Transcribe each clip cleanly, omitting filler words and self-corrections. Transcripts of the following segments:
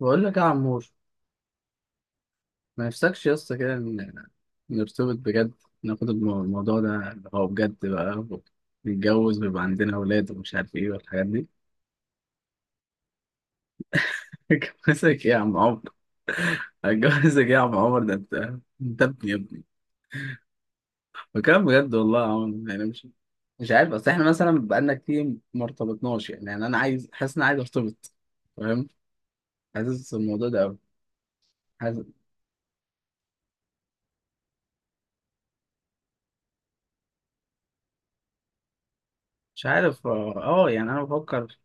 بقول لك يا عمور. ما نفسكش يا اسطى كده نرتبط بجد، ناخد الموضوع ده اللي هو بجد بقى نتجوز ويبقى عندنا اولاد ومش عارف ايه والحاجات دي. اتجوزك ايه يا عم عمر، اتجوزك ايه يا عم عمر، ده انت، انت ابني يا ابني. بكلام بجد والله يا عمر، يعني مش عارف. اصل احنا مثلا بقالنا كتير ما ارتبطناش، يعني، يعني انا عايز، حاسس ان انا عايز ارتبط. فاهم، حاسس الموضوع ده قوي. حاسس. مش عارف، اه، يعني انا بفكر.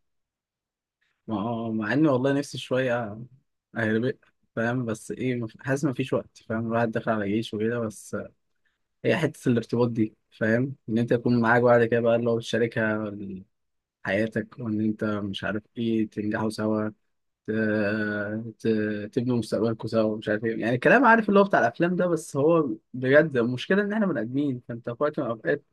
ما هو مع اني والله نفسي شوية اهربق. فاهم، بس ايه حاسس مفيش وقت، فاهم، الواحد داخل على جيش وكده. بس هي حتة الارتباط دي، فاهم، ان انت يكون معاك بعد كده بقى اللي هو بتشاركها حياتك، وان انت مش عارف ايه، تنجحوا سوا، ت- تبنوا مستقبلكوا سوا، مش عارف ايه، يعني الكلام، عارف، اللي هو بتاع الافلام ده. بس هو بجد، المشكلة ان احنا بني ادمين، فانت في وقت من الاوقات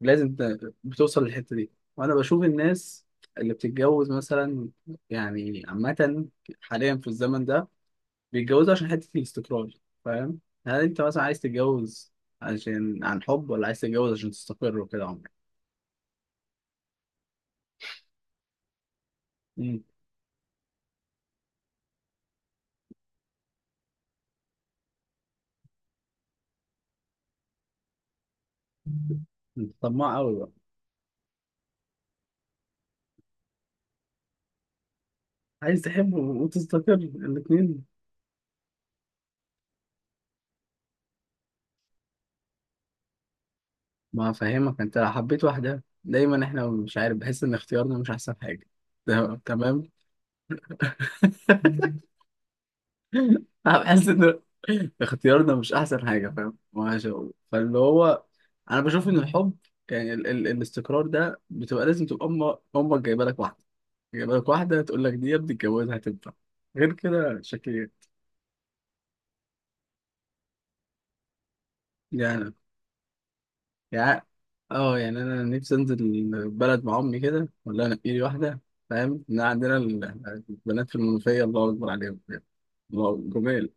لازم بتوصل للحته دي. وانا بشوف الناس اللي بتتجوز مثلا، يعني عامه حاليا في الزمن ده بيتجوزوا عشان حته الاستقرار. فاهم، هل انت مثلا عايز تتجوز عشان عن حب، ولا عايز تتجوز عشان تستقر وكده عمرك؟ مم. انت طماع قوي بقى، عايز تحب وتستقر الاتنين. ما فاهمك، انت لو حبيت واحدة دايما احنا مش عارف، بحس ان اختيارنا مش احسن حاجة. تمام. انا بحس ان اختيارنا مش احسن حاجه، فاهم، ماشي. فاللي هو انا بشوف ان الحب، يعني ال الاستقرار ده بتبقى لازم تبقى امك جايبه لك واحده، جايبه لك واحده تقول لك دي يا ابني اتجوزها هتنفع، غير كده شكلي يعني. يعني اه، يعني انا نفسي انزل البلد مع امي كده، ولا انا لي واحده، فاهم، ان عندنا البنات في المنوفيه الله اكبر عليهم بجد. الله جمال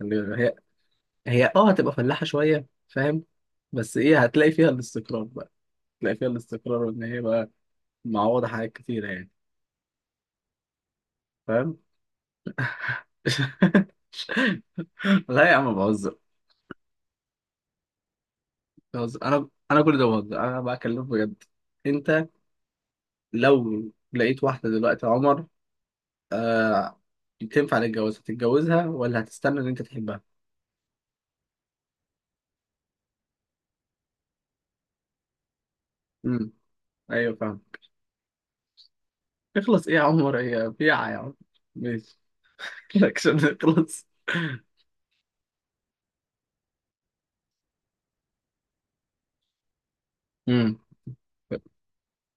اللي هي هي اه هتبقى فلاحه شويه، فاهم، بس ايه هتلاقي فيها الاستقرار بقى، تلاقي فيها الاستقرار، وان هي بقى معوضة حاجات كتيرة يعني. فاهم. لا يا عم، بهزر، بهزر، انا كل ده بهزر، انا بكلمك بجد. انت لو لقيت واحدة دلوقتي يا عمر، آه، تنفع للجواز، هتتجوزها ولا هتستنى ان انت تحبها؟ امم، ايوه، فاهم. اخلص ايه يا عمر، هي بيعة يا عمر؟ ماشي. الاكشن اخلص. امم.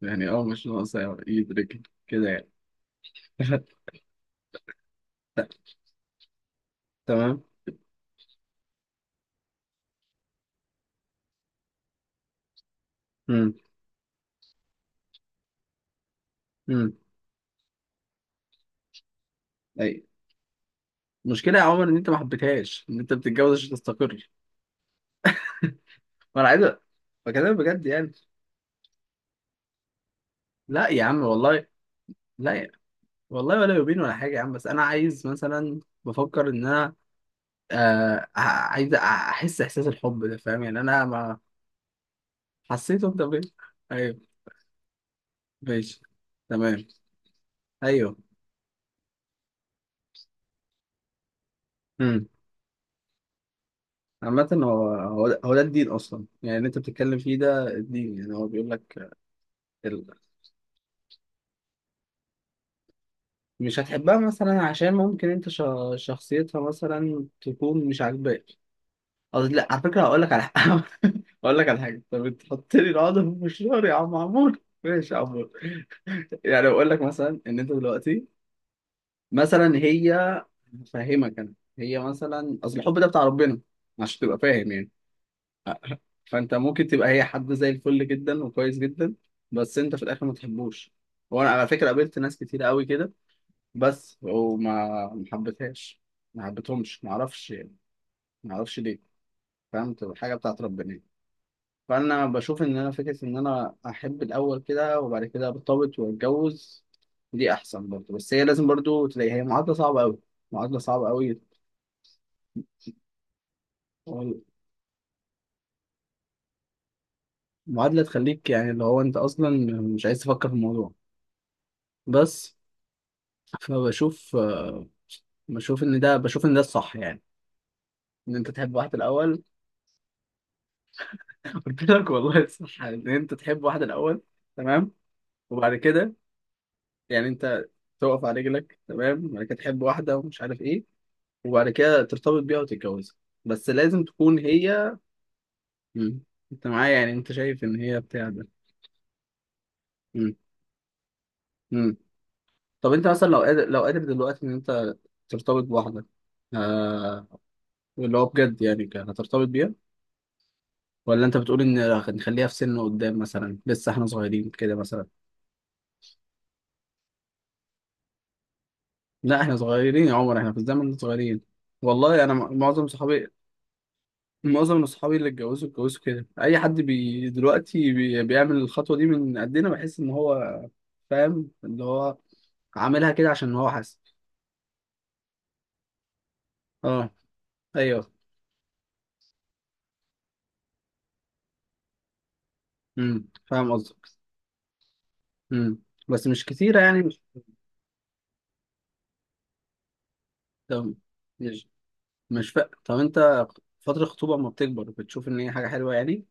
يعني اه، مش ناقصة يدرك كده يعني. لا، تمام. امم. امم. المشكله يا عمر ان انت ما حبيتهاش، ان انت بتتجوز عشان تستقر، وانا عايز بكلمك بجد يعني. لا يا عم والله، لا يا. والله ولا يبين ولا حاجه يا عم، بس انا عايز مثلا، بفكر ان انا، آه، عايز احس احساس الحب ده، فاهم يعني انا ما حسيته انت فين. ايوه. ماشي. تمام. ايوه. امم. عامة هو ده الدين أصلا، يعني اللي أنت بتتكلم فيه ده الدين يعني. هو بيقول لك ال- مش هتحبها مثلا عشان ممكن أنت شخصيتها مثلا تكون مش عاجباك. قصدي لا، على فكرة هقول لك على حاجة. هقول لك على حاجة، طب انت حط لي العقدة في مشوار يا عم عمور، ماشي يا عمور. يعني بقول لك مثلا ان انت دلوقتي، مثلا هي، هفهمك انا، هي مثلا اصل الحب ده بتاع ربنا عشان تبقى فاهم يعني. آه، فانت ممكن تبقى هي حد زي الفل جدا وكويس جدا، بس انت في الاخر ما تحبوش. وانا على فكرة قابلت ناس كتير قوي كده، بس وما، ما حبيتهاش، ما حبيتهمش، ما اعرفش يعني، ما اعرفش ليه، فاهم، تبقى حاجة بتاعت ربنا يعني. فانا بشوف ان انا فكره ان انا احب الاول كده وبعد كده ارتبط واتجوز، دي احسن برضه. بس هي لازم برضه تلاقي، هي معادله صعبه قوي، معادله صعبه قوي، معادله تخليك يعني اللي هو انت اصلا مش عايز تفكر في الموضوع. بس فبشوف، بشوف ان ده، بشوف ان ده الصح يعني، ان انت تحب واحده الاول. قلت لك والله، الصح ان انت تحب واحده الاول، تمام، وبعد كده يعني انت تقف على رجلك، تمام، وبعد كده تحب واحده ومش عارف ايه، وبعد كده ترتبط بيها وتتجوزها، بس لازم تكون هي. مم. انت معايا يعني، انت شايف ان هي بتاع ده؟ مم. مم. طب انت مثلا لو قادر، لو قادر دلوقتي ان انت ترتبط بواحدة، آه، اللي هو بجد يعني، هترتبط بيها، ولا انت بتقول ان نخليها في سن قدام مثلا، لسه احنا صغيرين كده مثلا؟ لا احنا صغيرين يا عمر، احنا في الزمن ده صغيرين. والله انا معظم صحابي، معظم من اصحابي اللي اتجوزوا، اتجوزوا كده. اي حد بي دلوقتي بي بيعمل الخطوه دي من قدنا بحس ان هو، فاهم، اللي هو عاملها كده عشان هو حاسس. اه. ايوه. امم، فاهم قصدك. امم، بس مش كتيره يعني، مش. طب مش، طب انت فتره الخطوبه اما بتكبر بتشوف ان هي حاجه حلوه يعني؟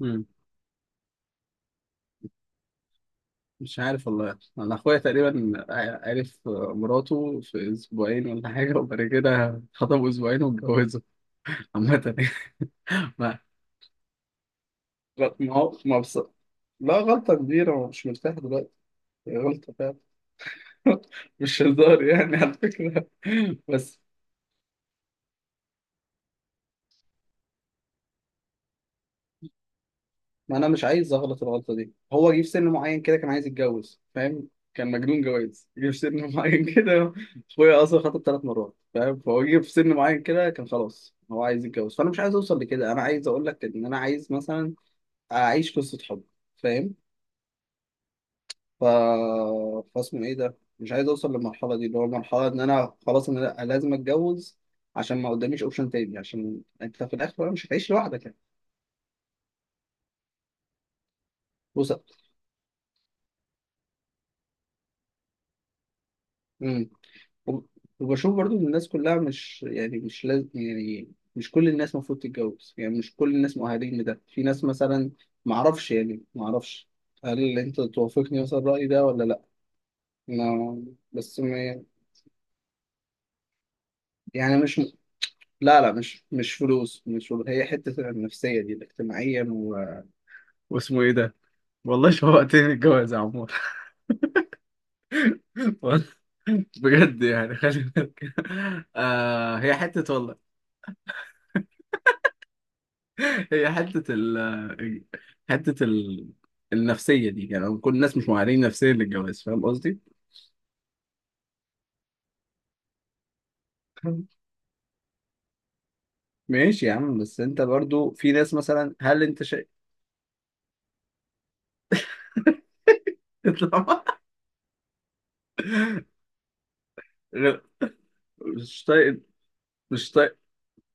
امم. مش عارف والله، انا اخويا تقريبا، عرف مراته في اسبوعين ولا حاجه، وبعد كده خطبوا اسبوعين واتجوزوا. عامه. ما هو ما لا، غلطة كبيرة وأنا مش مرتاح دلوقتي، هي غلطة فعلا. مش هزار يعني على فكرة. بس ما أنا مش عايز أغلط الغلطة دي. هو جه في سن معين كده كان عايز يتجوز، فاهم، كان مجنون جواز، جه في سن معين كده. أخويا أصلا خطب 3 مرات، فاهم، فهو جه في سن معين كده كان خلاص هو عايز يتجوز. فأنا مش عايز أوصل لكده، أنا عايز أقول لك إن أنا عايز مثلا أعيش قصة حب، فاهم. ف... فاسمه ايه ده، مش عايز اوصل للمرحله دي، اللي هو المرحله ان انا خلاص انا لأ، لازم اتجوز عشان ما قداميش اوبشن تاني، عشان انت في الاخر مش هتعيش لوحدك يعني. بص. امم. وب- وبشوف برضو ان الناس كلها مش يعني مش لازم، يعني مش كل الناس المفروض تتجوز، يعني مش كل الناس مؤهلين لده. في ناس مثلا، ما اعرفش يعني، ما اعرفش. هل انت توافقني مثلا الرأي ده ولا لا؟ ما ما يعني مش لا لا، مش مش فلوس، مش فلوس. هي حتة النفسية دي، الاجتماعيا، واسمه ايه ده. والله شوقتني الجواز يا عمور. والله بجد يعني، خلي بالك. آه، هي حتة والله، هي حتة ال النفسية دي، يعني كل الناس مش معانين نفسيا للجواز، فاهم قصدي؟ ماشي يا عم، بس انت برضو في ناس مثلا، هل انت شيء؟ اطلع غير- مش طايق، مش طايق،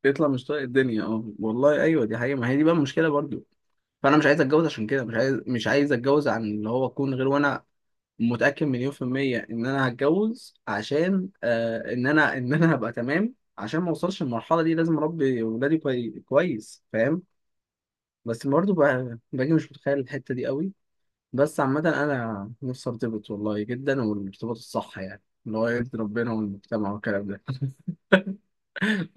اطلع مش طايق الدنيا. اه والله ايوه، دي حقيقة، ما هي دي بقى المشكلة برضو. فانا مش عايز اتجوز عشان كده، مش عايز، مش عايز اتجوز عن اللي هو اكون غير، وانا متأكد مليون% إن أنا هتجوز عشان، آه، إن أنا، إن أنا هبقى تمام، عشان ما أوصلش المرحلة دي. لازم أربي ولادي كويس، فاهم، بس برضه باجي مش متخيل الحتة دي قوي. بس عامة أنا نفسي أرتبط والله جدا، والارتباط الصح يعني، اللي هو يرضي ربنا والمجتمع والكلام ده.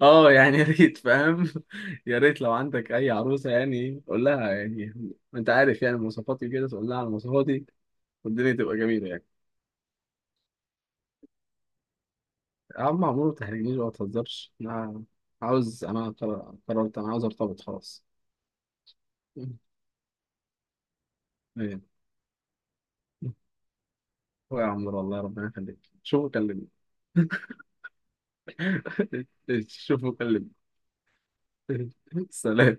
اه، يعني يا ريت، فاهم. يا ريت لو عندك اي عروسه يعني قول لها يعني، انت عارف يعني مواصفاتي كده، تقول لها على مواصفاتي، والدنيا تبقى جميله يعني. يا عم عمرو ما تحرجنيش بقى، ما تهزرش، انا عاوز، انا قررت، انا عاوز ارتبط خلاص. مم. ايه. هو يا عمرو والله ربنا يخليك، شوفوا كلمني. شوفوا كلمني. سلام.